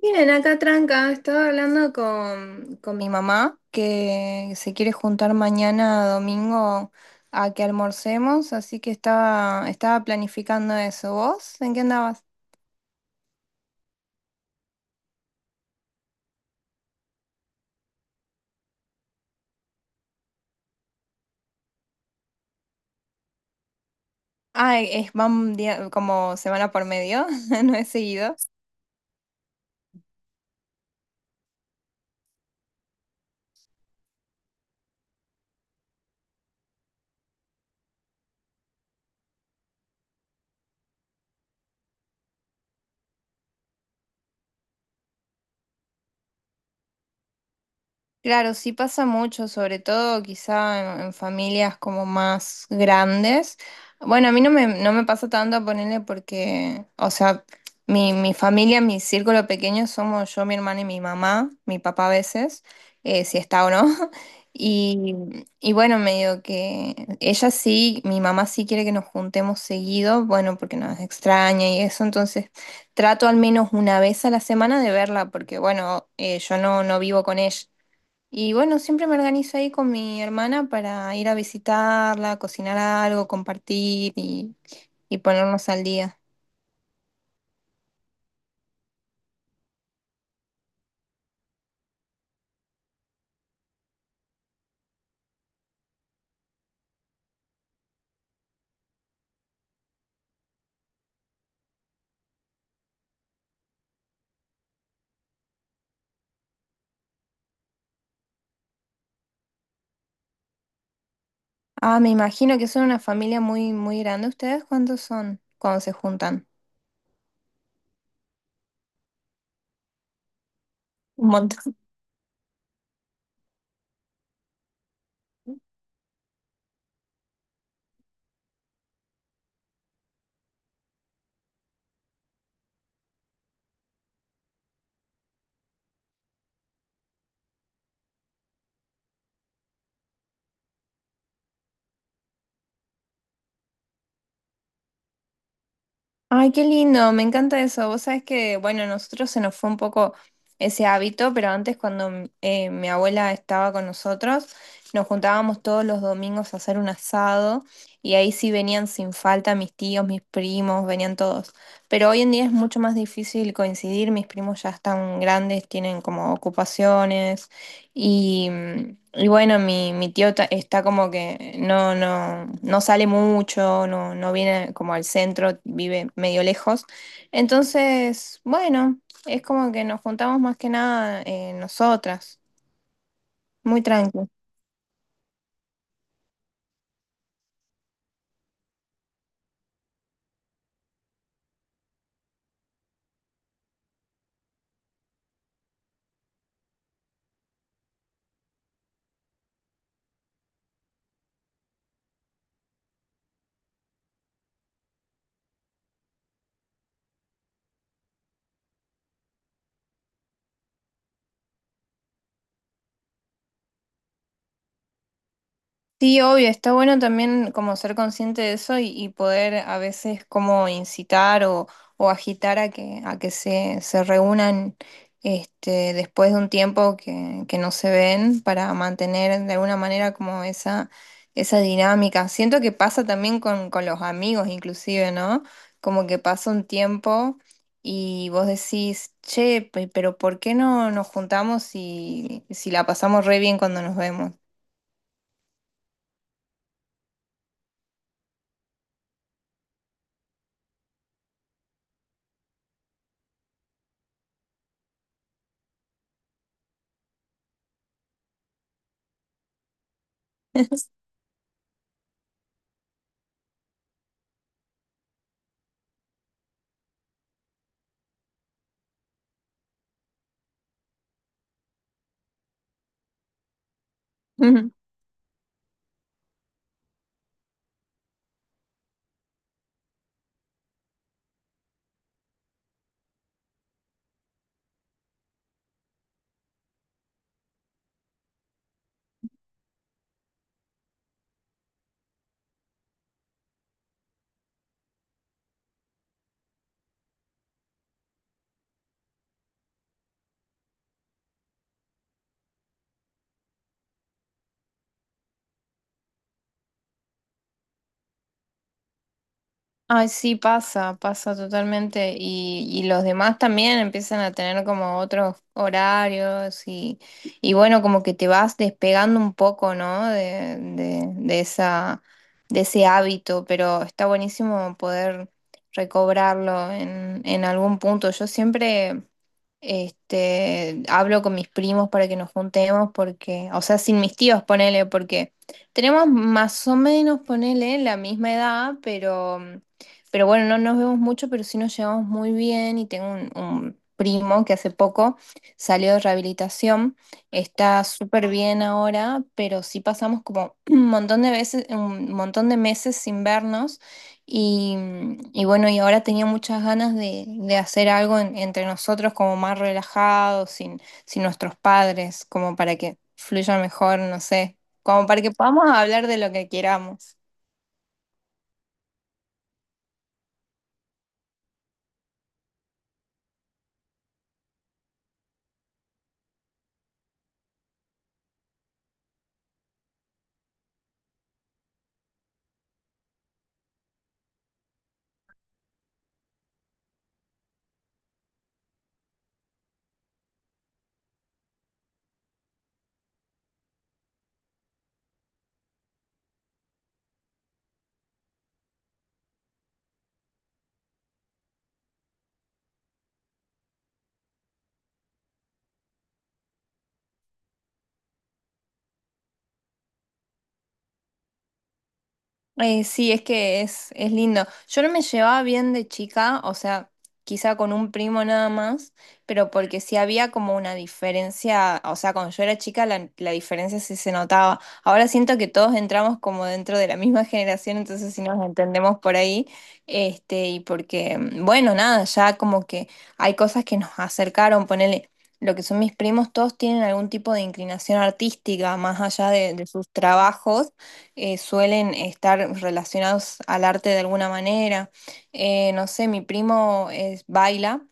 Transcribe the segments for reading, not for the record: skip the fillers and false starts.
Miren, acá tranca, estaba hablando con mi mamá que se quiere juntar mañana domingo a que almorcemos, así que estaba planificando eso. ¿Vos? ¿En qué andabas? Ah, es, como semana por medio, no es seguido. Claro, sí pasa mucho, sobre todo quizá en familias como más grandes. Bueno, a mí no me pasa tanto ponerle porque, o sea, mi familia, mi círculo pequeño somos yo, mi hermana y mi mamá, mi papá a veces, si está o no. Y, y bueno, medio que ella sí, mi mamá sí quiere que nos juntemos seguido, bueno, porque nos extraña y eso, entonces trato al menos una vez a la semana de verla, porque bueno, yo no vivo con ella. Y bueno, siempre me organizo ahí con mi hermana para ir a visitarla, cocinar algo, compartir y ponernos al día. Ah, me imagino que son una familia muy, muy grande. ¿Ustedes cuántos son cuando se juntan? Un montón. Ay, qué lindo, me encanta eso. Vos sabés que, bueno, a nosotros se nos fue un poco ese hábito, pero antes cuando mi abuela estaba con nosotros, nos juntábamos todos los domingos a hacer un asado y ahí sí venían sin falta mis tíos, mis primos, venían todos. Pero hoy en día es mucho más difícil coincidir, mis primos ya están grandes, tienen como ocupaciones y, y bueno, mi tío está como que no, no, no sale mucho, no, no viene como al centro, vive medio lejos. Entonces, bueno, es como que nos juntamos más que nada nosotras, muy tranqui. Sí, obvio, está bueno también como ser consciente de eso y poder a veces como incitar o agitar a a que se reúnan después de un tiempo que no se ven para mantener de alguna manera como esa dinámica. Siento que pasa también con los amigos inclusive, ¿no? Como que pasa un tiempo y vos decís, che, pero ¿por qué no nos juntamos si, si la pasamos re bien cuando nos vemos? Ay, sí, pasa, pasa totalmente. Y los demás también empiezan a tener como otros horarios y bueno, como que te vas despegando un poco, ¿no? De de ese hábito, pero está buenísimo poder recobrarlo en algún punto. Yo siempre... Hablo con mis primos para que nos juntemos porque, o sea, sin mis tíos, ponele, porque tenemos más o menos, ponele, la misma edad, pero, mm, pero bueno, no nos vemos mucho, pero sí nos llevamos muy bien y tengo un primo que hace poco salió de rehabilitación, está súper bien ahora, pero sí pasamos como un montón de veces, un montón de meses sin vernos. Y, y bueno, y ahora tenía muchas ganas de hacer algo entre nosotros como más relajado, sin nuestros padres, como para que fluya mejor, no sé, como para que podamos hablar de lo que queramos. Sí, es que es lindo. Yo no me llevaba bien de chica, o sea, quizá con un primo nada más, pero porque sí había como una diferencia, o sea, cuando yo era chica la diferencia sí se notaba. Ahora siento que todos entramos como dentro de la misma generación, entonces sí nos entendemos por ahí, y porque, mm, bueno, nada, ya como que hay cosas que nos acercaron, ponele. Lo que son mis primos, todos tienen algún tipo de inclinación artística, más allá de sus trabajos suelen estar relacionados al arte de alguna manera. No sé, mi primo es, baila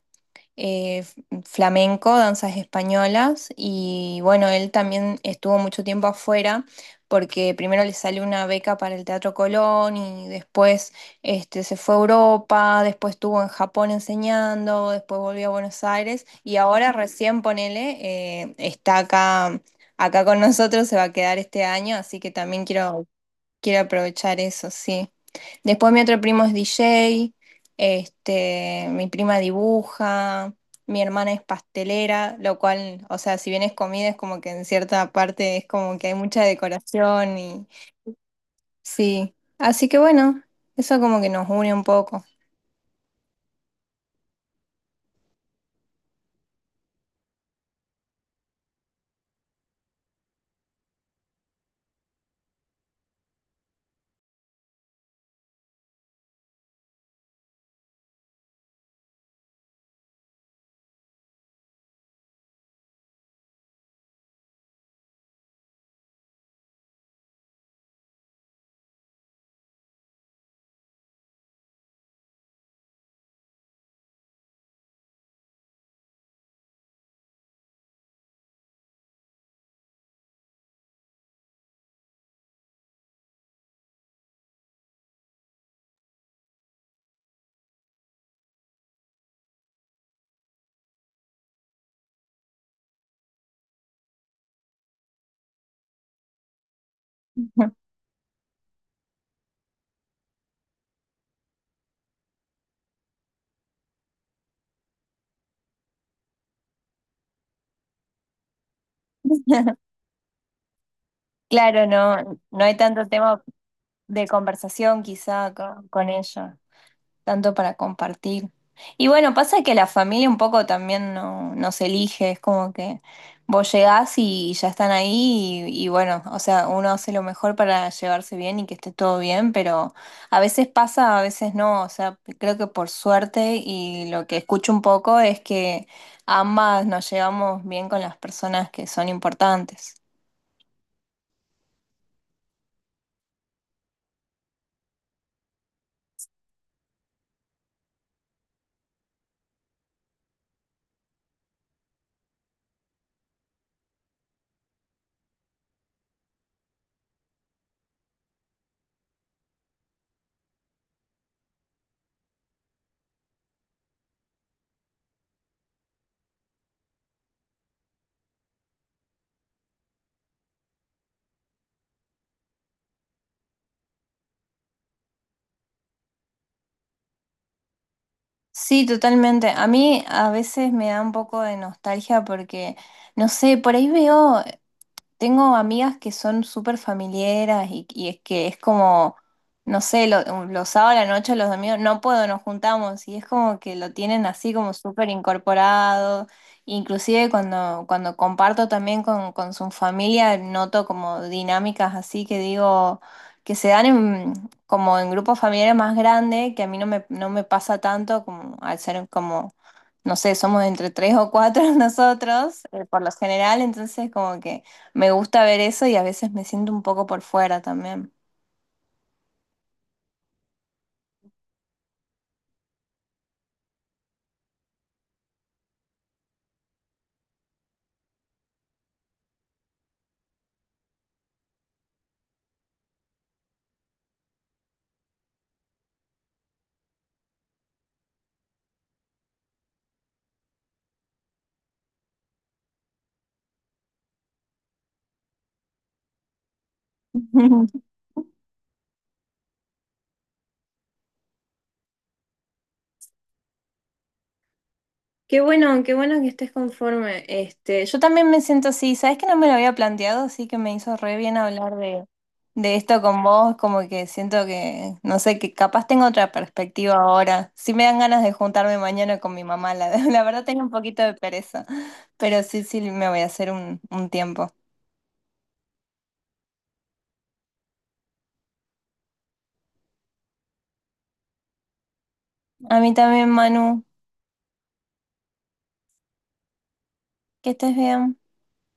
flamenco, danzas españolas, y bueno, él también estuvo mucho tiempo afuera porque primero le salió una beca para el Teatro Colón y después se fue a Europa, después estuvo en Japón enseñando, después volvió a Buenos Aires y ahora recién, ponele, está acá con nosotros, se va a quedar este año, así que también quiero aprovechar eso, sí. Después mi otro primo es DJ, mi prima dibuja, mi hermana es pastelera, lo cual, o sea, si bien es comida, es como que en cierta parte es como que hay mucha decoración y sí. Así que bueno, eso como que nos une un poco. Claro, no, no hay tanto tema de conversación quizá con ellos. Tanto para compartir. Y bueno, pasa que la familia un poco también no, nos elige, es como que vos llegás y ya están ahí y bueno, o sea, uno hace lo mejor para llevarse bien y que esté todo bien, pero a veces pasa, a veces no, o sea, creo que por suerte y lo que escucho un poco es que ambas nos llevamos bien con las personas que son importantes. Sí, totalmente. A mí a veces me da un poco de nostalgia porque... No sé, por ahí veo tengo amigas que son súper familiares y es que es como, no sé, los sábados a la noche, los domingos, no puedo, nos juntamos y es como que lo tienen así como súper incorporado. Inclusive cuando comparto también con su familia, noto como dinámicas así que digo, que se dan como en grupos familiares más grandes, que a mí no me pasa tanto como al ser como, no sé, somos entre tres o cuatro nosotros, por lo general, entonces como que... Me gusta ver eso y a veces me siento un poco por fuera también. Qué bueno que estés conforme. Yo también me siento así, sabes que no me lo había planteado, así que me hizo re bien hablar de esto con vos, como que siento que, no sé, que capaz tengo otra perspectiva ahora. Sí me dan ganas de juntarme mañana con mi mamá, la, la verdad tengo un poquito de pereza, pero sí, sí me voy a hacer un tiempo. A mí también, Manu, que estés bien.